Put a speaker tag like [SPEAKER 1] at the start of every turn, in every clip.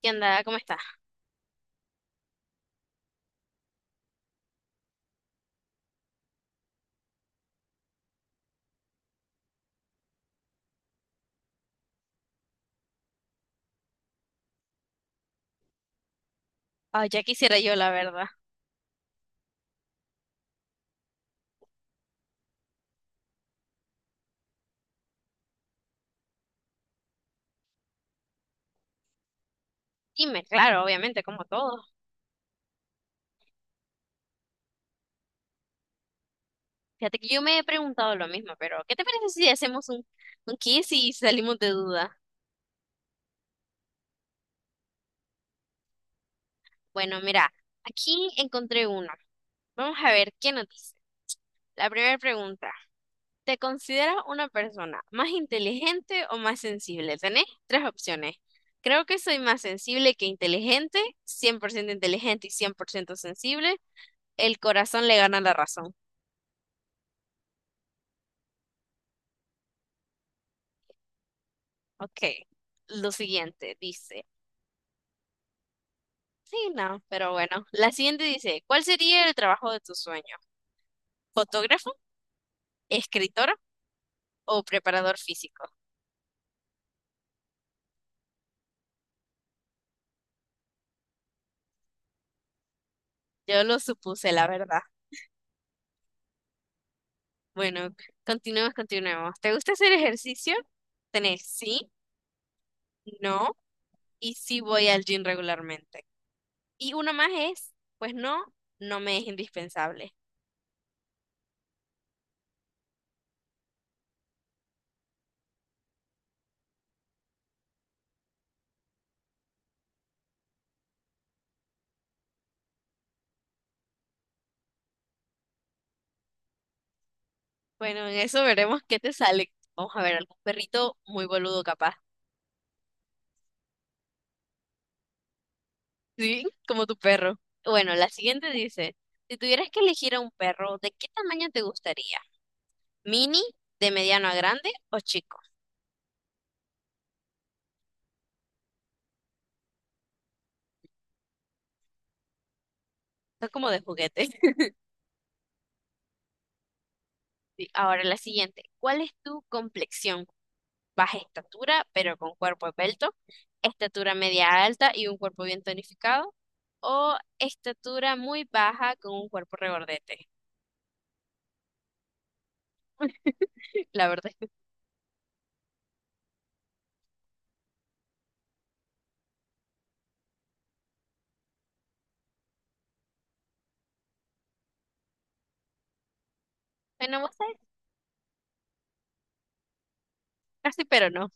[SPEAKER 1] ¿Qué onda? ¿Cómo estás? Ay, ya quisiera yo, la verdad. Dime, claro, obviamente, como todos. Fíjate que yo me he preguntado lo mismo, pero ¿qué te parece si hacemos un quiz y salimos de duda? Bueno, mira, aquí encontré uno. Vamos a ver qué nos dice. La primera pregunta. ¿Te consideras una persona más inteligente o más sensible? Tenés tres opciones. Creo que soy más sensible que inteligente, 100% inteligente y 100% sensible. El corazón le gana la razón. Ok. Lo siguiente dice. Sí, no, pero bueno. La siguiente dice, ¿cuál sería el trabajo de tu sueño? ¿Fotógrafo, escritor o preparador físico? Yo lo supuse, la verdad. Bueno, continuemos. ¿Te gusta hacer ejercicio? Tenés sí, no y sí voy al gym regularmente. Y una más es, pues no, no me es indispensable. Bueno, en eso veremos qué te sale. Vamos a ver, algún perrito muy boludo capaz. Sí, como tu perro. Bueno, la siguiente dice, si tuvieras que elegir a un perro, ¿de qué tamaño te gustaría? ¿Mini, de mediano a grande o chico? Está como de juguete. Sí, ahora la siguiente, ¿cuál es tu complexión? Baja estatura, pero con cuerpo esbelto, estatura media alta y un cuerpo bien tonificado, o estatura muy baja con un cuerpo regordete. La verdad es que, bueno, vos sabés, casi pero no.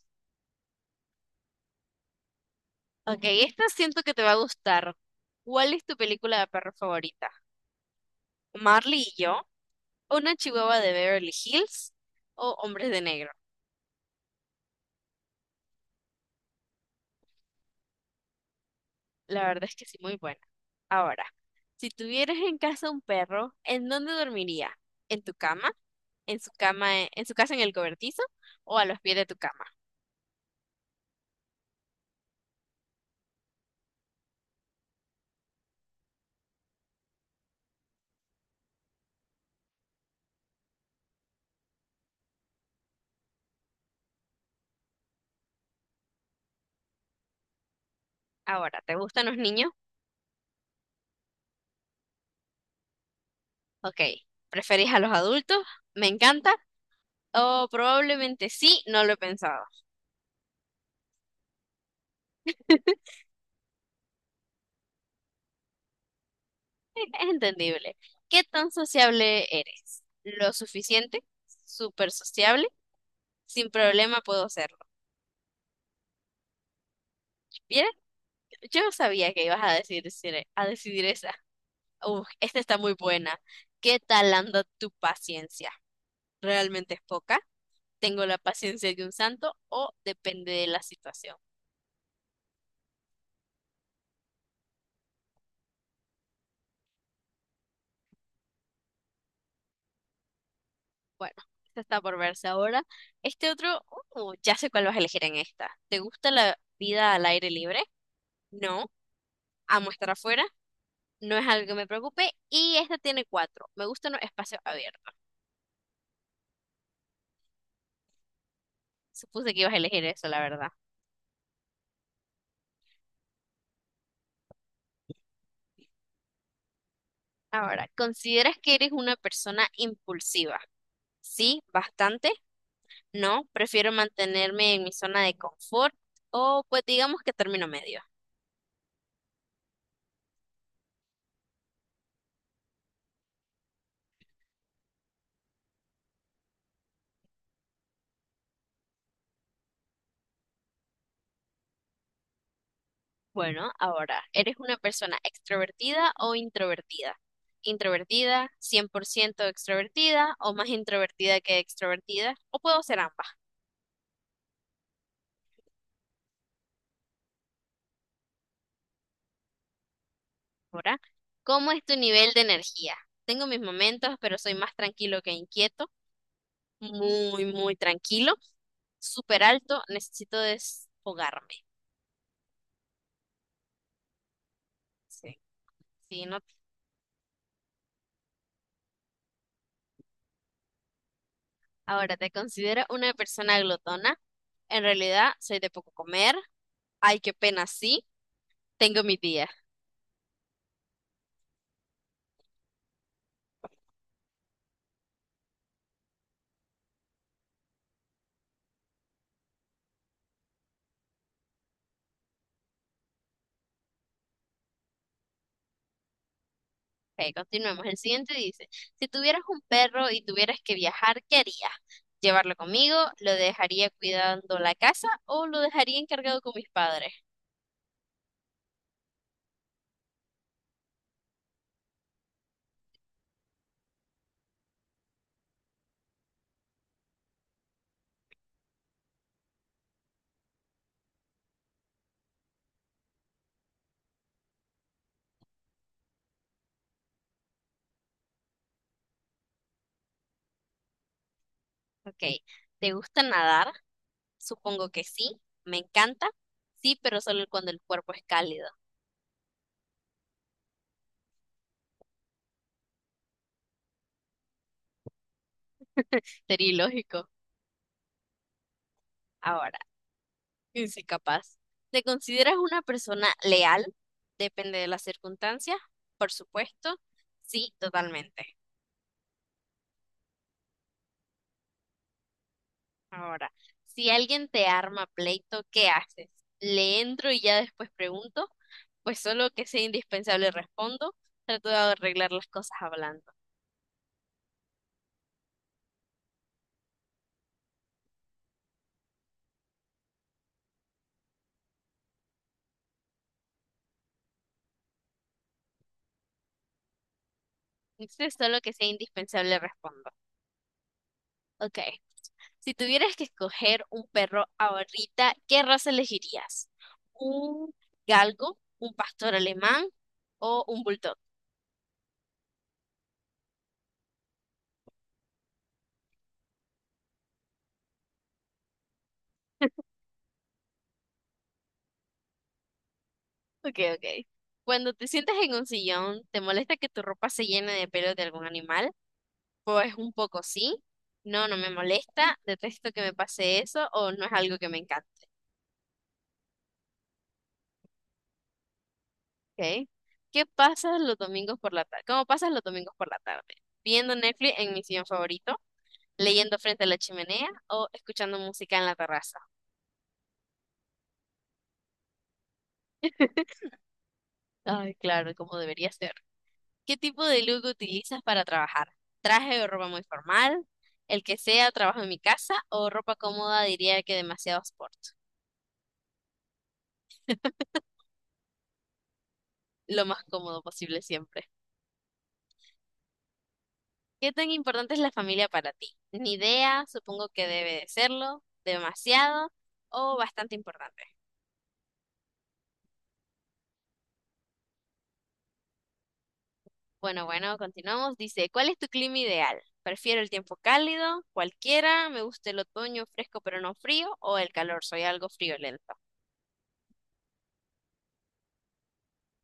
[SPEAKER 1] Ok, esta siento que te va a gustar. ¿Cuál es tu película de perro favorita? Marley y yo, una chihuahua de Beverly Hills o Hombres de Negro. La verdad es que sí, muy buena. Ahora, si tuvieras en casa un perro, ¿en dónde dormiría? ¿En tu cama? ¿En su cama, en su casa en el cobertizo? ¿O a los pies de tu cama? Ahora, ¿te gustan los niños? Ok. ¿Preferís a los adultos? ¿Me encanta? O probablemente sí, no lo he pensado. Es entendible. ¿Qué tan sociable eres? ¿Lo suficiente? ¿Súper sociable? Sin problema puedo hacerlo. Mira, yo no sabía que ibas a decidir esa. Uf, esta está muy buena. ¿Qué tal anda tu paciencia? ¿Realmente es poca? ¿Tengo la paciencia de un santo o depende de la situación? Bueno, esta está por verse ahora. Este otro, ya sé cuál vas a elegir en esta. ¿Te gusta la vida al aire libre? No, amo estar afuera. No es algo que me preocupe. Y esta tiene cuatro. Me gustan los espacios abiertos. Supuse que ibas a elegir eso, la verdad. Ahora, ¿consideras que eres una persona impulsiva? Sí, bastante. No, prefiero mantenerme en mi zona de confort o pues digamos que término medio. Bueno, ahora, ¿eres una persona extrovertida o introvertida? Introvertida, 100% extrovertida o más introvertida que extrovertida, o puedo ser ambas. Ahora, ¿cómo es tu nivel de energía? Tengo mis momentos, pero soy más tranquilo que inquieto, muy tranquilo. Súper alto, necesito desfogarme. Sí, sí, no. Ahora, ¿te considero una persona glotona? En realidad, soy de poco comer. Ay, qué pena, sí, tengo mi día. Ok, continuemos. El siguiente dice, si tuvieras un perro y tuvieras que viajar, ¿qué harías? ¿Llevarlo conmigo? ¿Lo dejaría cuidando la casa o lo dejaría encargado con mis padres? Ok, ¿te gusta nadar? Supongo que sí, me encanta. Sí, pero solo cuando el cuerpo es cálido. Sería ilógico. Ahora. Y sí, capaz. ¿Te consideras una persona leal? Depende de las circunstancias, por supuesto. Sí, totalmente. Ahora, si alguien te arma pleito, ¿qué haces? ¿Le entro y ya después pregunto? Pues solo que sea indispensable respondo. Trato de arreglar las cosas hablando. Entonces, solo que sea indispensable respondo. Ok. Si tuvieras que escoger un perro ahorita, ¿qué raza elegirías? ¿Un galgo, un pastor alemán o un bulldog? Ok, ok. Cuando te sientas en un sillón, ¿te molesta que tu ropa se llene de pelos de algún animal? Pues un poco sí. No, no me molesta. Detesto que me pase eso o no es algo que me encante. Ok. ¿Qué pasas los domingos por la tarde? ¿Cómo pasas los domingos por la tarde? ¿Viendo Netflix en mi sillón favorito? ¿Leyendo frente a la chimenea o escuchando música en la terraza? Ay, claro, como debería ser. ¿Qué tipo de look utilizas para trabajar? ¿Traje o ropa muy formal? El que sea, trabajo en mi casa o ropa cómoda, diría que demasiado sport. Lo más cómodo posible siempre. ¿Qué tan importante es la familia para ti? Ni idea, supongo que debe de serlo, demasiado o bastante importante. Bueno, continuamos. Dice, ¿cuál es tu clima ideal? Prefiero el tiempo cálido, cualquiera, me gusta el otoño fresco pero no frío o el calor, soy algo friolento.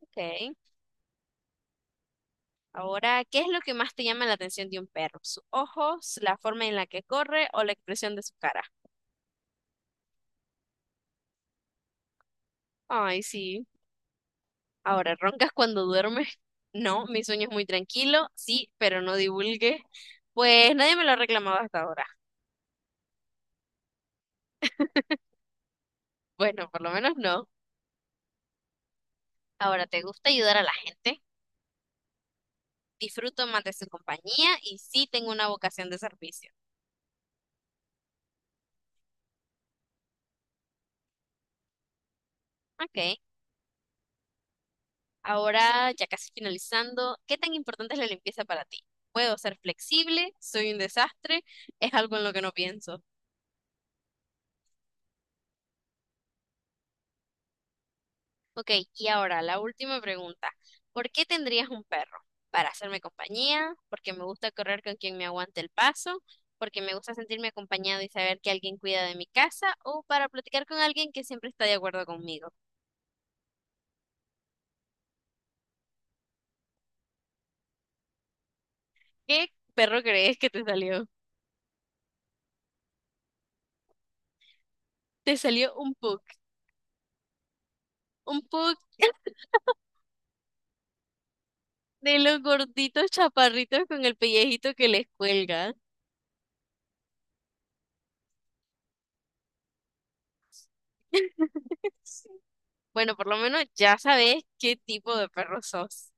[SPEAKER 1] Ok. Ahora, ¿qué es lo que más te llama la atención de un perro? ¿Sus ojos, la forma en la que corre o la expresión de su cara? Ay, sí. Ahora, ¿roncas cuando duermes? No, mi sueño es muy tranquilo, sí, pero no divulgue. Pues nadie me lo ha reclamado hasta ahora. Bueno, por lo menos no. Ahora, ¿te gusta ayudar a la gente? Disfruto más de su compañía y sí tengo una vocación de servicio. Ok. Ahora, ya casi finalizando, ¿qué tan importante es la limpieza para ti? ¿Puedo ser flexible? ¿Soy un desastre? ¿Es algo en lo que no pienso? Ok, y ahora la última pregunta. ¿Por qué tendrías un perro? ¿Para hacerme compañía? ¿Porque me gusta correr con quien me aguante el paso? ¿Porque me gusta sentirme acompañado y saber que alguien cuida de mi casa? ¿O para platicar con alguien que siempre está de acuerdo conmigo? ¿Qué perro crees que te salió? Te salió un pug. Un pug. De los gorditos chaparritos con el pellejito que les cuelga. Bueno, por lo menos ya sabes qué tipo de perro sos.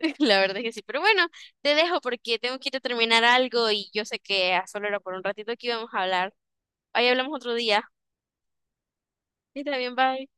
[SPEAKER 1] La verdad es que sí. Pero bueno, te dejo porque tengo que ir a terminar algo y yo sé que a solo era por un ratito que íbamos a hablar. Ahí hablamos otro día. Está bien, bye.